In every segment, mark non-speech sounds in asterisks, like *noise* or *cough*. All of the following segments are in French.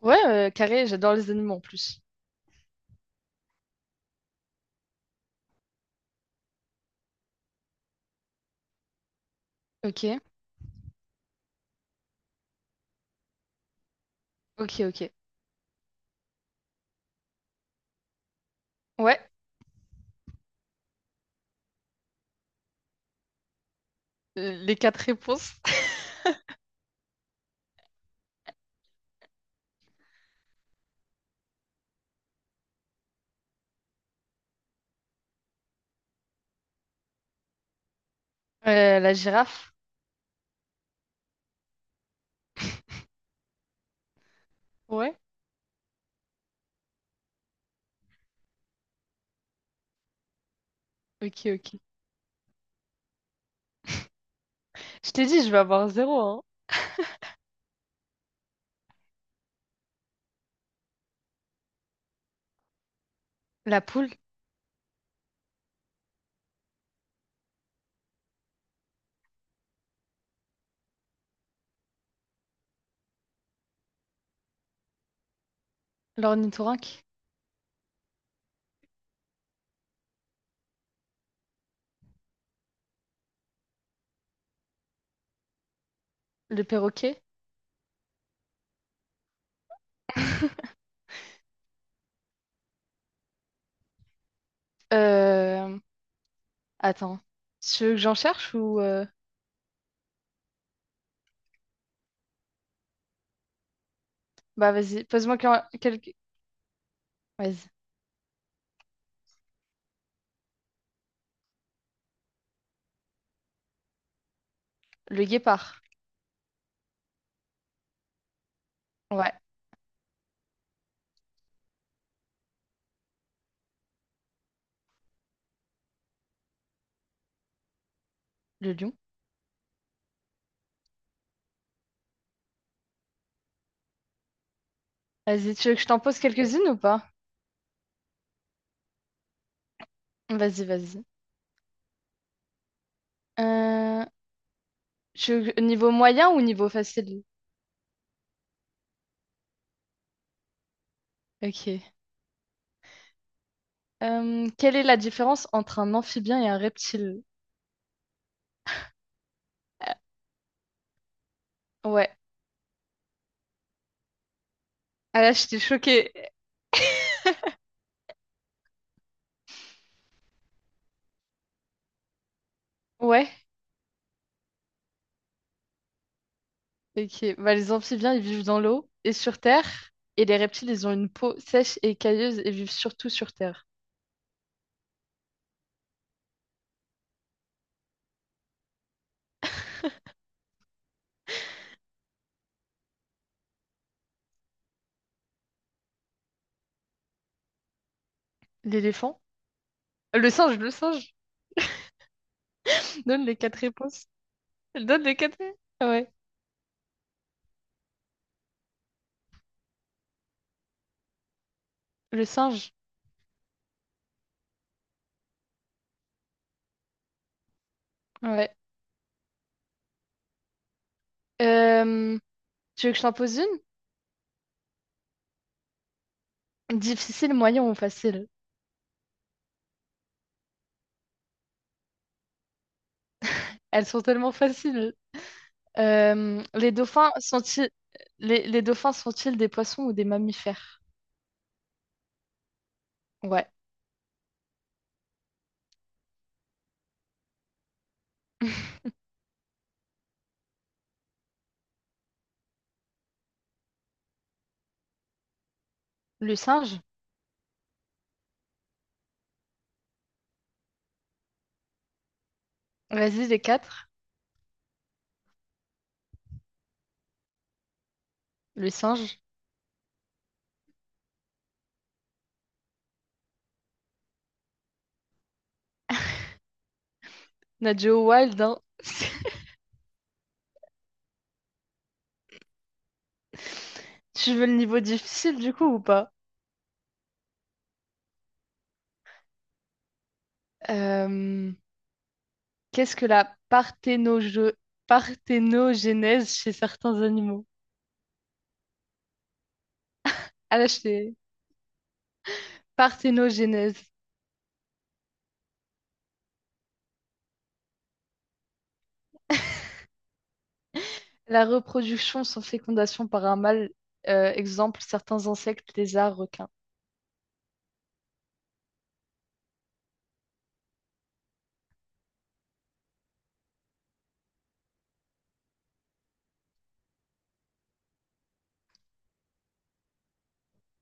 Ouais, carré, j'adore les animaux en plus. Ok, ok, ok. Ouais, les quatre réponses. *laughs* La girafe. Ouais, ok, ok. Je t'ai dit, je vais avoir zéro, hein. La poule, l'ornithorynque, le perroquet. *laughs* Euh... Attends, tu veux que j'en cherche ou... Bah vas-y, pose-moi quelques... Vas-y, le guépard. Ouais, le lion. Vas-y, tu veux que je t'en pose quelques-unes ou pas? Vas-y, vas-y. Euh... Niveau moyen ou niveau facile? Ok. Quelle est la différence entre un amphibien et un reptile? Ouais. Ah là, j'étais choquée. Ouais. Ok. Bah, les amphibiens, ils vivent dans l'eau et sur terre. Et les reptiles, ils ont une peau sèche et cailleuse et vivent surtout sur terre. L'éléphant? Le singe. *laughs* Donne les quatre réponses. Donne les quatre. Ouais. Le singe. Ouais. Euh, tu veux que je t'en pose une? Difficile, moyen ou facile? Elles sont tellement faciles. Euh, les dauphins sont-ils les dauphins sont-ils des poissons ou des mammifères? Ouais. *laughs* Le singe. Vas-y, les quatre. Le singe. Nadjo Wild, hein. *laughs* Tu veux le niveau difficile du coup ou pas? Euh, qu'est-ce que parthénogénèse chez certains animaux? Ah là, je t'ai- Parthénogénèse. La reproduction sans fécondation par un mâle. Exemple, certains insectes, lézards, requins.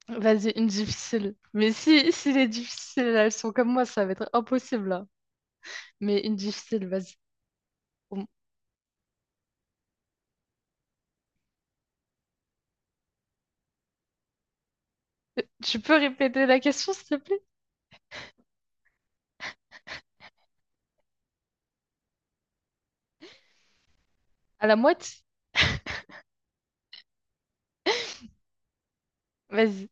Vas-y, une difficile. Mais si les difficiles, elles sont comme moi, ça va être impossible là. Mais une difficile, vas-y. Tu peux répéter la question, s'il te plaît? À la moite? Vas-y.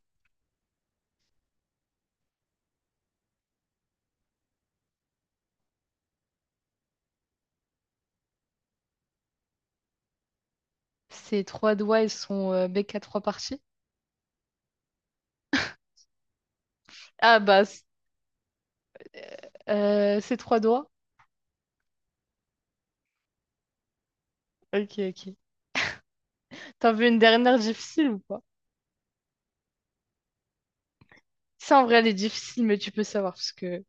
Ses trois doigts et son bec à trois parties? Ah bah, c- ses trois doigts? Ok, ok. T'en veux une dernière difficile ou pas? Ça, en vrai, elle est difficile, mais tu peux savoir, parce que...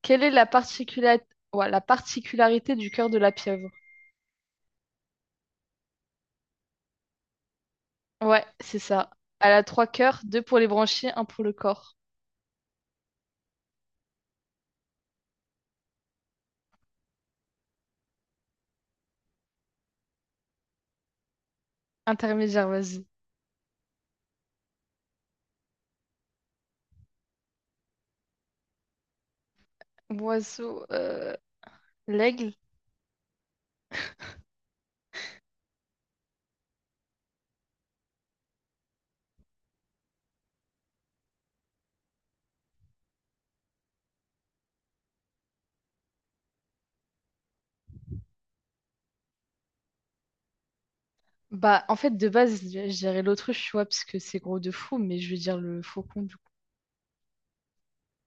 Quelle est la particula- ouais, la particularité du cœur de la pieuvre? Ouais, c'est ça. Elle a trois cœurs, deux pour les branchies, un pour le corps. Intermédiaire, vas-y. Oiseau, l'aigle. Bah, en fait, de base, je dirais l'autruche, tu vois, parce que c'est gros de fou, mais je vais dire le faucon, du coup.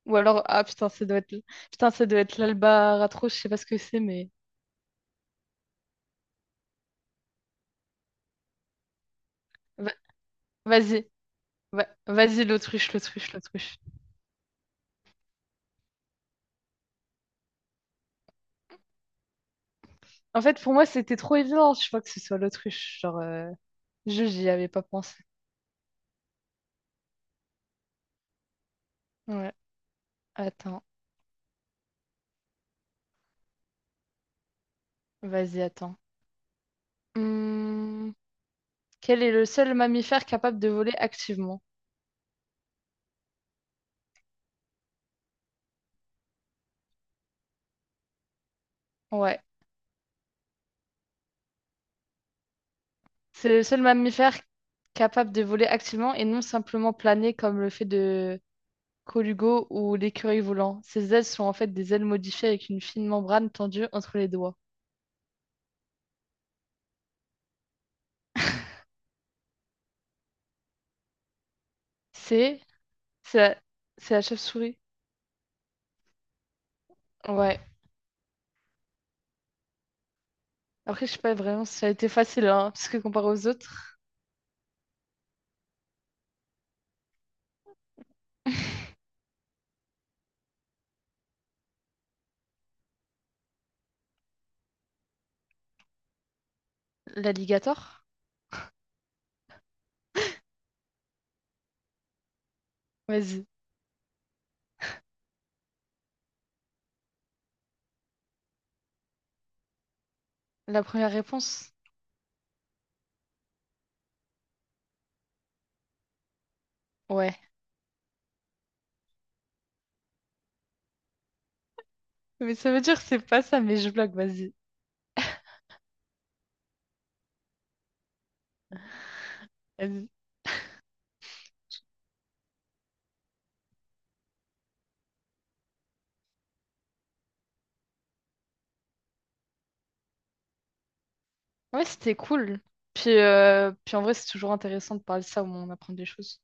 Ou alors, ah putain, ça doit être, putain, ça doit être l'albatros, je sais pas ce que c'est, mais va- vas-y, vas-y, l'autruche, l'autruche, l'autruche. En fait, pour moi, c'était trop évident, je crois que ce soit l'autruche. J'y avais pas pensé. Ouais, attends, vas-y, attends. Hmm, quel est le seul mammifère capable de voler activement? Ouais, c'est le seul mammifère capable de voler activement et non simplement planer comme le fait de Colugo ou l'écureuil volant. Ces ailes sont en fait des ailes modifiées avec une fine membrane tendue entre les doigts. C'est c'est la, c'est la chauve-souris. Ouais. Après, je sais pas vraiment si ça a été facile, hein, parce que comparé aux autres. *laughs* L'alligator? Vas-y. La première réponse? Ouais. Mais ça veut dire que c'est pas ça, mais je blague, vas-y. Vas-y. Ouais, c'était cool. Puis, puis en vrai, c'est toujours intéressant de parler de ça au moment où on apprend des choses.